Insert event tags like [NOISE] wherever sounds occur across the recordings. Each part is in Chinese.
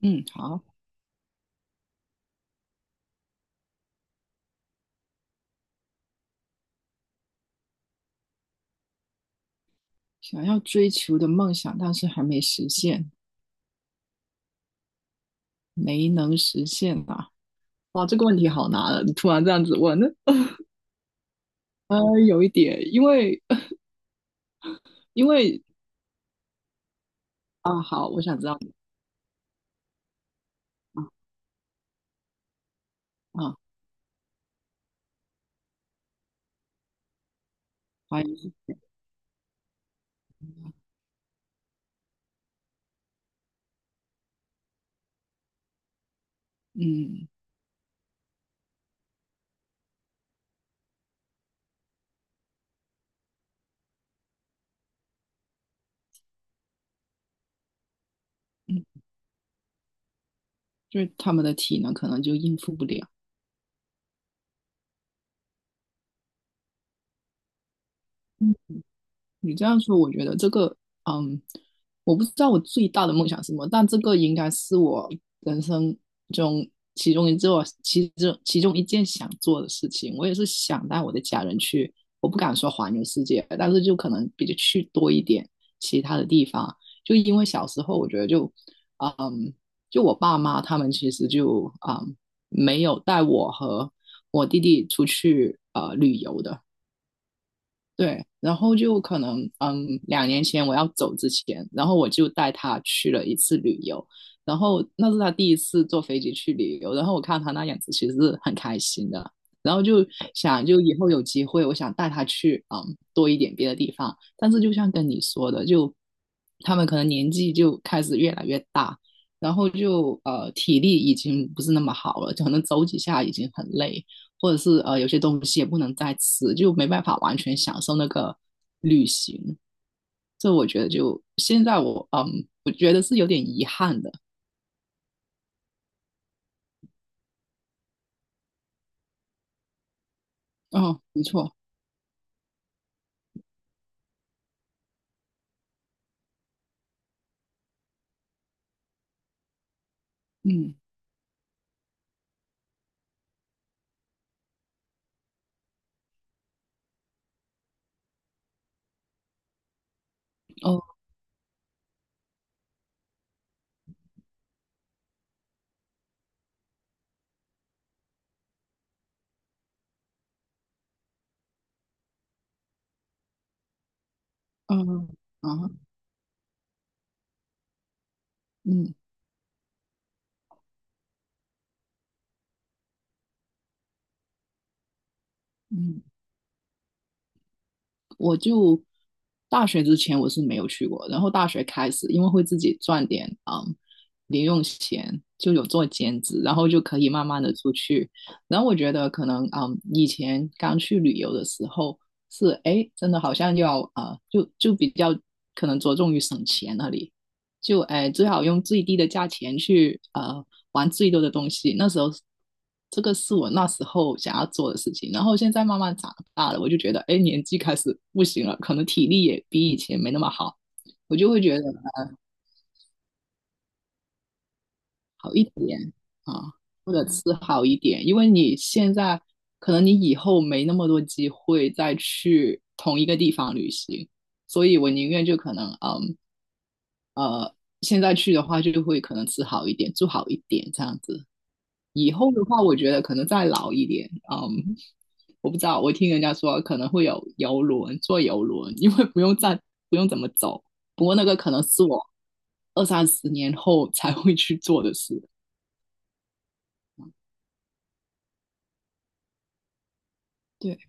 嗯，好，想要追求的梦想，但是还没实现，没能实现啊！哇，这个问题好难啊！你突然这样子问，[LAUGHS] 呢？呃，有一点，因为啊，好，我想知道。啊，怀疑。嗯嗯，就是他们的体能可能就应付不了。嗯你这样说，我觉得这个，嗯，我不知道我最大的梦想是什么，但这个应该是我人生中其中一件想做的事情。我也是想带我的家人去，我不敢说环游世界，但是就可能比较去多一点其他的地方。就因为小时候，我觉得就，嗯，就我爸妈他们其实就，没有带我和我弟弟出去旅游的。对，然后就可能，2年前我要走之前，然后我就带他去了一次旅游，然后那是他第一次坐飞机去旅游，然后我看他那样子其实是很开心的，然后就想就以后有机会，我想带他去，多一点别的地方。但是就像跟你说的，就他们可能年纪就开始越来越大，然后就体力已经不是那么好了，可能走几下已经很累，或者是有些东西也不能再吃，就没办法完全享受那个旅行。这我觉得就现在我我觉得是有点遗憾的。哦，没错。嗯。哦。嗯。啊。嗯嗯。我就大学之前我是没有去过，然后大学开始，因为会自己赚点零用钱，就有做兼职，然后就可以慢慢的出去。然后我觉得可能以前刚去旅游的时候是哎真的好像要就比较可能着重于省钱那里，就哎，最好用最低的价钱去玩最多的东西。那时候，这个是我那时候想要做的事情。然后现在慢慢长大了，我就觉得哎，年纪开始不行了，可能体力也比以前没那么好，我就会觉得好一点啊，或者吃好一点，因为你现在可能你以后没那么多机会再去同一个地方旅行，所以我宁愿就可能呃。现在去的话，就会可能吃好一点，住好一点，这样子。以后的话，我觉得可能再老一点，我不知道，我听人家说可能会有游轮，坐游轮，因为不用再不用怎么走。不过那个可能是我二三十年后才会去做的事。对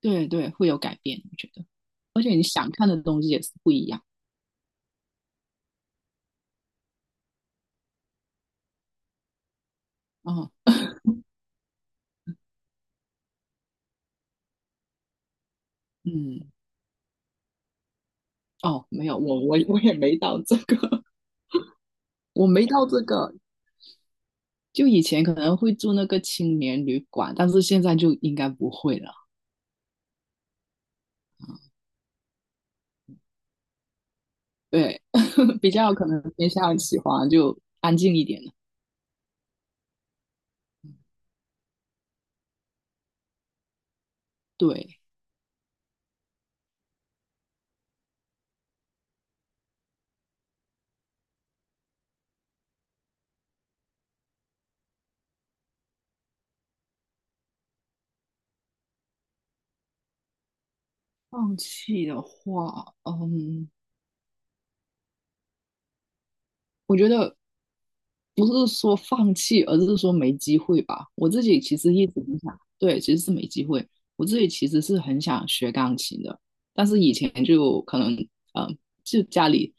对对，会有改变，我觉得。而且你想看的东西也是不一样。哦。嗯。哦，没有，我也没到这个。[LAUGHS] 我没到这个。就以前可能会住那个青年旅馆，但是现在就应该不会了。对，[LAUGHS] 比较可能偏向喜欢就安静一点的。对，放弃的话，我觉得不是说放弃，而是说没机会吧。我自己其实一直很想，对，其实是没机会。我自己其实是很想学钢琴的，但是以前就可能，嗯、就家里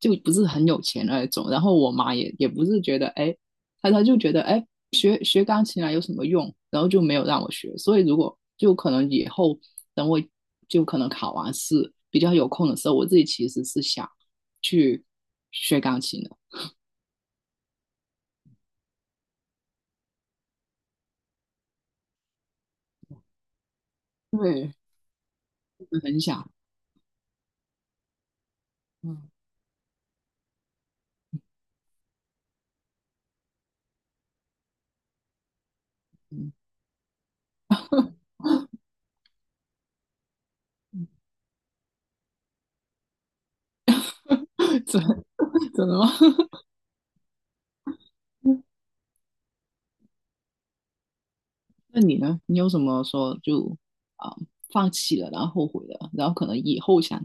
就不是很有钱那种。然后我妈也不是觉得，哎，她就觉得，哎，学学钢琴啊有什么用？然后就没有让我学。所以如果就可能以后等我就可能考完试比较有空的时候，我自己其实是想去学钢琴的。对，很想。嗯嗯，怎怎么？[LAUGHS] 吗？[LAUGHS] 那你呢？你有什么说就啊、放弃了，然后后悔了，然后可能以后想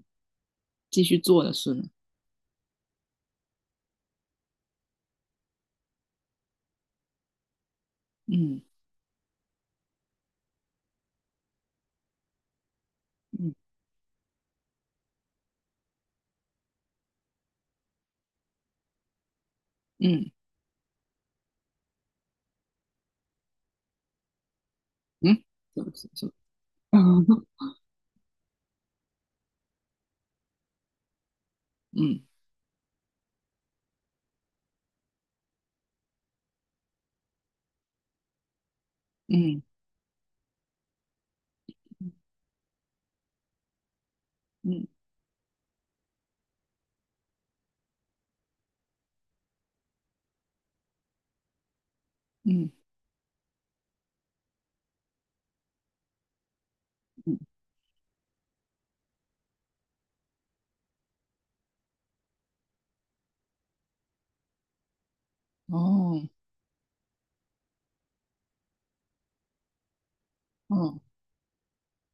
继续做的事呢？嗯嗯嗯嗯，是不是是不是 [LAUGHS] 嗯嗯嗯嗯嗯，哦哦，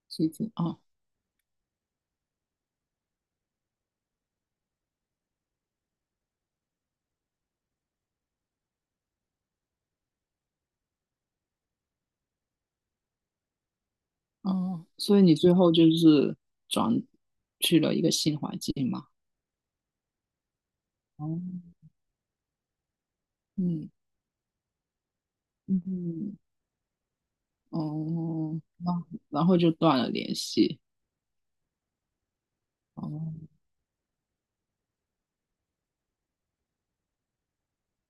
谢谢哦。哦，所以你最后就是转去了一个新环境嘛？哦。嗯嗯嗯。哦，然后就断了联系。哦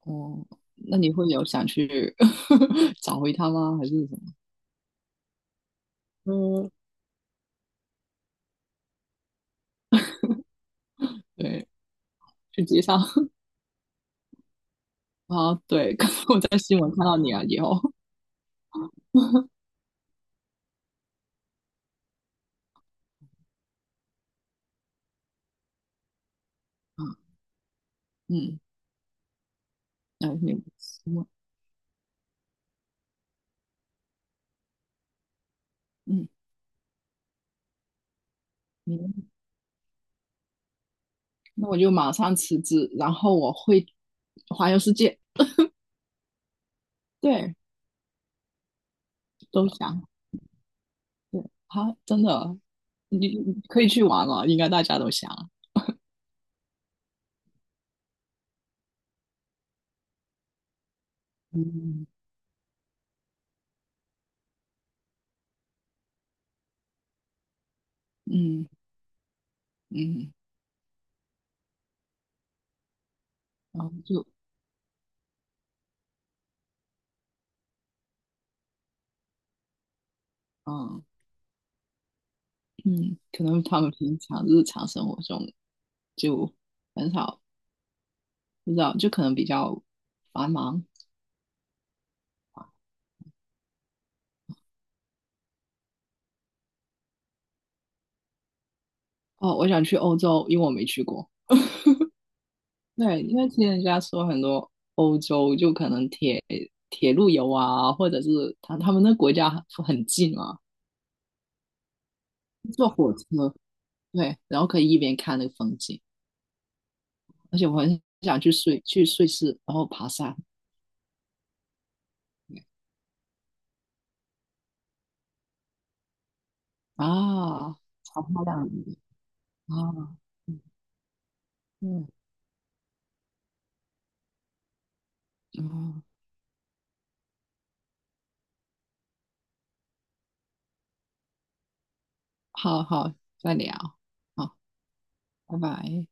哦，那你会有想去 [LAUGHS] 找回他吗？还是什么？嗯，对，去街上 [LAUGHS] 啊？对，[LAUGHS] 刚刚我在新闻看到你啊，以后。嗯。嗯，哎，你新闻。嗯。你那我就马上辞职，然后我会环游世界。对，都想。对，好，真的。你可以去玩了，应该大家都想。嗯嗯嗯，然后就嗯。嗯，可能他们平常日常生活中就很少，不知道，就可能比较繁忙。哦，我想去欧洲，因为我没去过。对，因为听人家说很多欧洲就可能铁路游啊，或者是他们那国家很近嘛，坐火车，对，然后可以一边看那个风景，而且我很想去瑞士，然后爬山啊，好漂亮啊，嗯嗯啊。好好，再聊，好，拜拜。